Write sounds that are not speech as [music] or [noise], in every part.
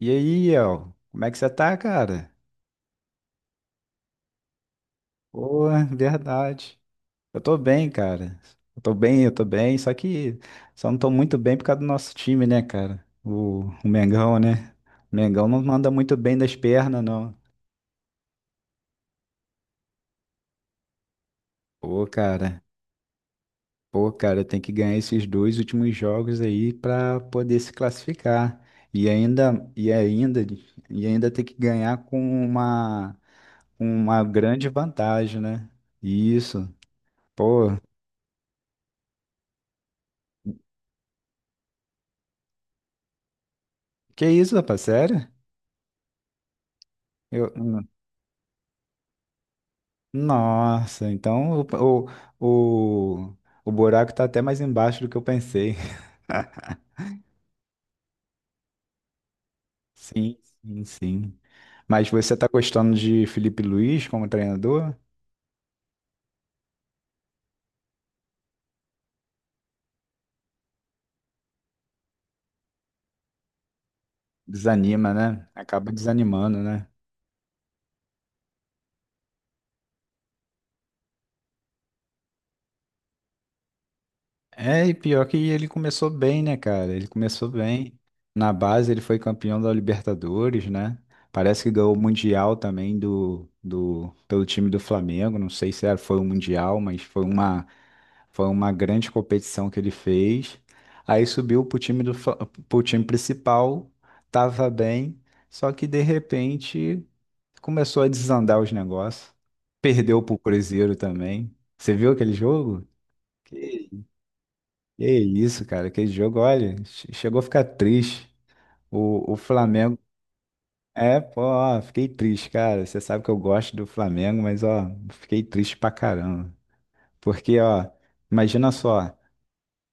E aí, El, como é que você tá, cara? Boa, verdade. Eu tô bem, cara. Eu tô bem, só que só não tô muito bem por causa do nosso time, né, cara? O Mengão, né? O Mengão não manda muito bem das pernas, não. Pô, cara, pô, cara, tem que ganhar esses dois últimos jogos aí pra poder se classificar. E ainda, e ainda, e ainda tem que ganhar com uma, com uma grande vantagem, né? Isso. Pô, que isso, rapaz? Sério? Eu... Nossa, então o, o, o buraco tá até mais embaixo do que eu pensei. [laughs] Sim, sim, sim. Mas você tá gostando de Felipe Luiz como treinador? Desanima, né? Acaba desanimando, né? É, e pior que ele começou bem, né, cara? Ele começou bem. Na base, ele foi campeão da Libertadores, né? Parece que ganhou o Mundial também pelo time do Flamengo. Não sei se foi o Mundial, mas foi uma foi uma grande competição que ele fez. Aí subiu pro pro time principal, tava bem, só que de repente começou a desandar os negócios. Perdeu pro Cruzeiro também. Você viu aquele jogo? Que, que isso, cara, aquele jogo, olha, chegou a ficar triste. O Flamengo. É, pô, ó, fiquei triste, cara. Você sabe que eu gosto do Flamengo, mas ó, fiquei triste pra caramba. Porque, ó, imagina só.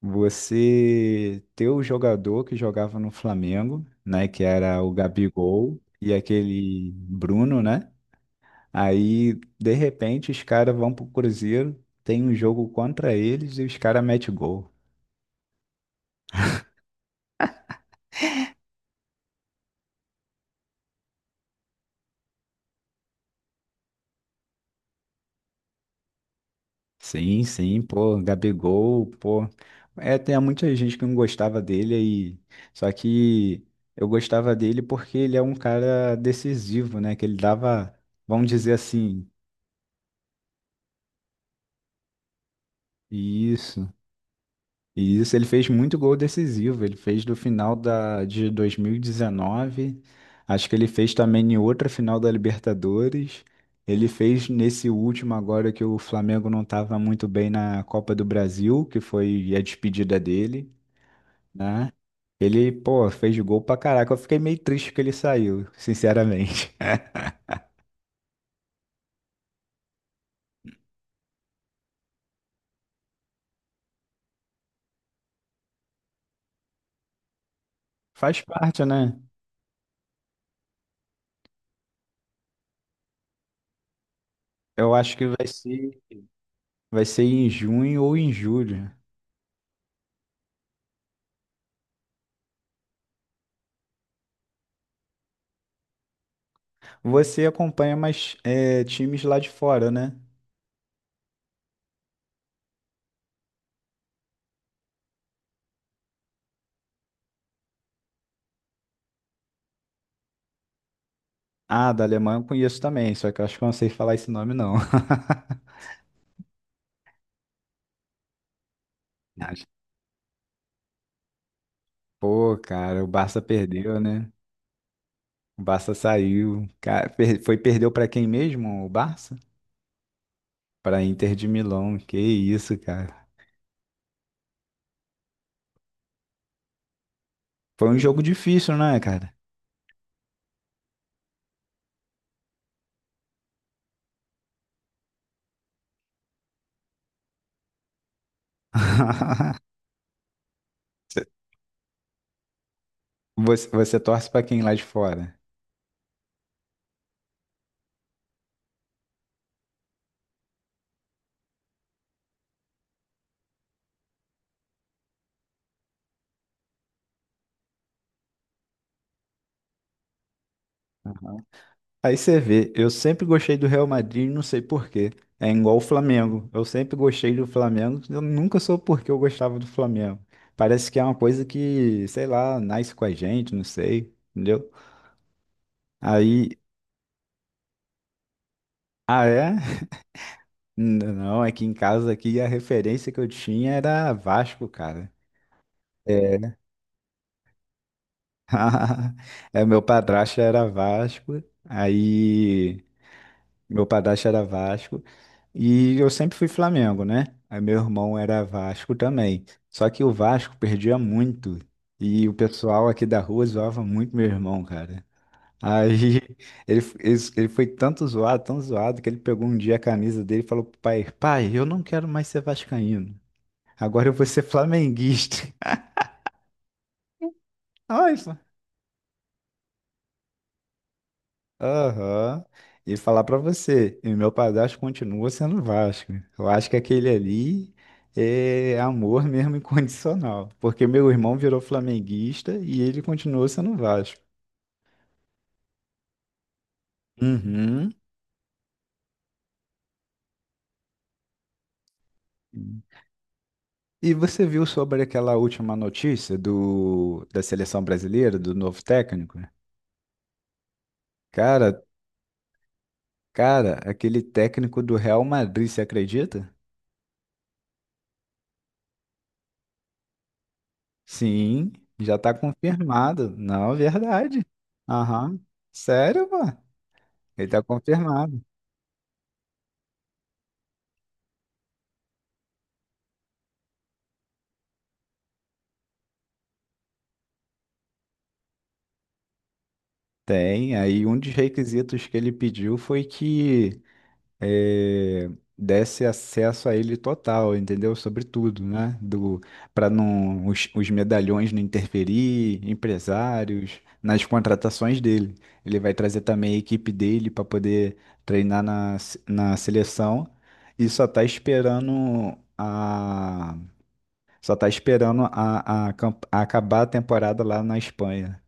Você ter o jogador que jogava no Flamengo, né, que era o Gabigol e aquele Bruno, né? Aí, de repente, os caras vão pro Cruzeiro, tem um jogo contra eles e os caras metem gol. Sim, sim, pô, Gabigol, pô. É, tem muita gente que não gostava dele aí. Só que eu gostava dele porque ele é um cara decisivo, né? Que ele dava, vamos dizer assim, isso. E isso ele fez muito gol decisivo. Ele fez do final de 2019. Acho que ele fez também em outra final da Libertadores. Ele fez nesse último agora que o Flamengo não estava muito bem na Copa do Brasil, que foi a despedida dele, né? Ele, pô, fez gol pra caraca. Eu fiquei meio triste que ele saiu, sinceramente. [laughs] Faz parte, né? Eu acho que vai ser em junho ou em julho. Você acompanha mais times lá de fora, né? Ah, da Alemanha eu conheço também, só que eu acho que eu não sei falar esse nome, não. [laughs] Mas, pô, cara, o Barça perdeu, né? O Barça saiu. Cara, per- foi perdeu pra quem mesmo? O Barça? Pra Inter de Milão. Que isso, cara. Foi um jogo difícil, né, cara? [laughs] Você torce pra quem lá de fora? Aí você vê, eu sempre gostei do Real Madrid, não sei por quê. É igual o Flamengo. Eu sempre gostei do Flamengo, eu nunca soube por que eu gostava do Flamengo. Parece que é uma coisa que, sei lá, nasce com a gente, não sei, entendeu? Aí, ah é? [laughs] Não, não, é que em casa aqui a referência que eu tinha era Vasco, cara. É. [laughs] É, meu padrasto era Vasco. E eu sempre fui Flamengo, né? Aí meu irmão era Vasco também. Só que o Vasco perdia muito. E o pessoal aqui da rua zoava muito meu irmão, cara. Aí [laughs] ele foi tanto zoado, tão zoado, que ele pegou um dia a camisa dele e falou pro pai: Pai, eu não quero mais ser vascaíno. Agora eu vou ser flamenguista. [laughs] Ai, aham. E falar pra você, e meu padrasto continua sendo Vasco. Eu acho que aquele ali é amor mesmo [laughs] incondicional, porque meu irmão virou flamenguista e ele continuou sendo Vasco. Uhum. E você viu sobre aquela última notícia do da seleção brasileira, do novo técnico? Cara, cara, aquele técnico do Real Madrid, você acredita? Sim, já tá confirmado. Não, verdade. Aham. Sério, pô? Ele está confirmado. Tem. Aí um dos requisitos que ele pediu foi que eh, desse acesso a ele total, entendeu? Sobre tudo, né? Do Para não os medalhões não interferir, empresários, nas contratações dele. Ele vai trazer também a equipe dele para poder treinar na, se- na seleção e só tá esperando a, camp- a acabar a temporada lá na Espanha.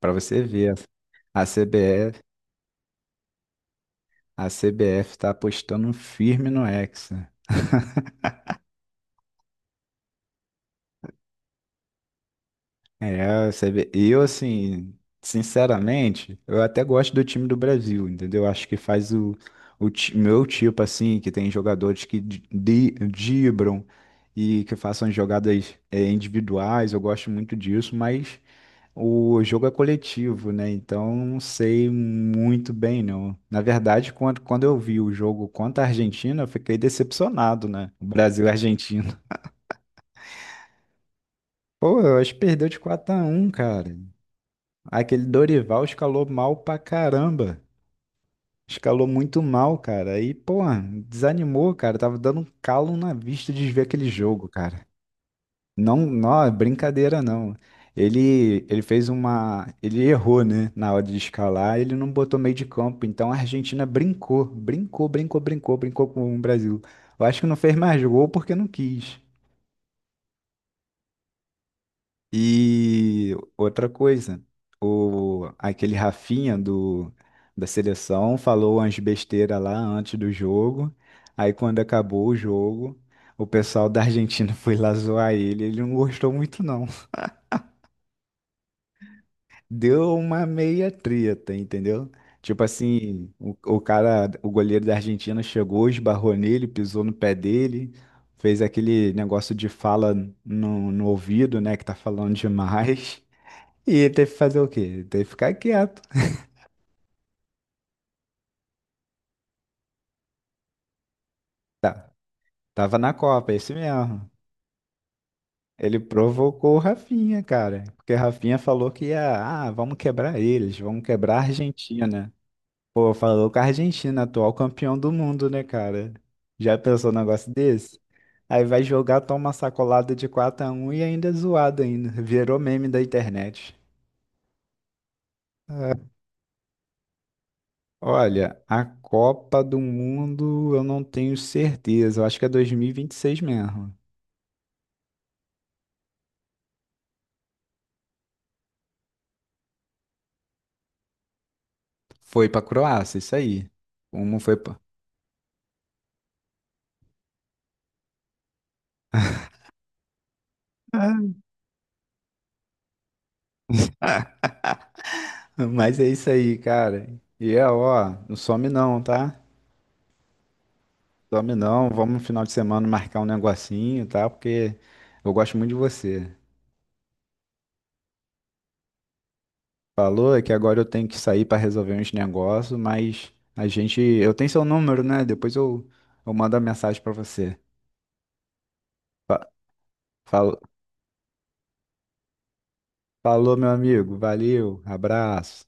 Para você ver, a CBF, a CBF está apostando firme no Hexa. É, você vê. Eu, assim, sinceramente, eu até gosto do time do Brasil, entendeu? Acho que faz meu tipo, assim, que tem jogadores que driblam e que façam jogadas é, individuais, eu gosto muito disso, mas o jogo é coletivo, né? Então não sei muito bem, não. Na verdade, quando eu vi o jogo contra a Argentina, eu fiquei decepcionado, né? O Brasil e a Argentina. [laughs] Pô, eu acho que perdeu de quatro a um, cara. Aquele Dorival escalou mal pra caramba. Escalou muito mal, cara. E, pô, desanimou, cara. Tava dando um calo na vista de ver aquele jogo, cara. Não, não, é brincadeira não. Ele fez uma. Ele errou, né? Na hora de escalar, ele não botou meio de campo. Então a Argentina brincou com o Brasil. Eu acho que não fez mais gol porque não quis. E outra coisa, aquele da seleção falou umas besteiras lá antes do jogo. Aí quando acabou o jogo, o pessoal da Argentina [laughs] foi lá zoar ele. Ele não gostou muito, não. Deu uma meia treta, entendeu? Tipo assim, o goleiro da Argentina chegou, esbarrou nele, pisou no pé dele, fez aquele negócio de fala no ouvido, né, que tá falando demais. E ele teve que fazer o quê? Teve que ficar quieto. Tá, tava na Copa, é isso mesmo. Ele provocou o Rafinha, cara, porque o Rafinha falou que ia, ah, vamos quebrar eles, vamos quebrar a Argentina. Pô, falou com a Argentina, atual campeão do mundo, né, cara? Já pensou num negócio desse? Aí vai jogar, toma uma sacolada de quatro x 1 e ainda é zoado ainda. Virou meme da internet. É. Olha, a Copa do Mundo eu não tenho certeza. Eu acho que é 2026 mesmo. Foi pra Croácia, isso aí. Como foi pra... [laughs] Mas é isso aí, cara. E é, ó, não some não, tá? Some não, vamos no final de semana marcar um negocinho, tá? Porque eu gosto muito de você. Falou é que agora eu tenho que sair para resolver uns negócios, mas a gente, eu tenho seu número, né? Depois eu mando a mensagem para você. Fa- fal- Falou, meu amigo. Valeu, abraço.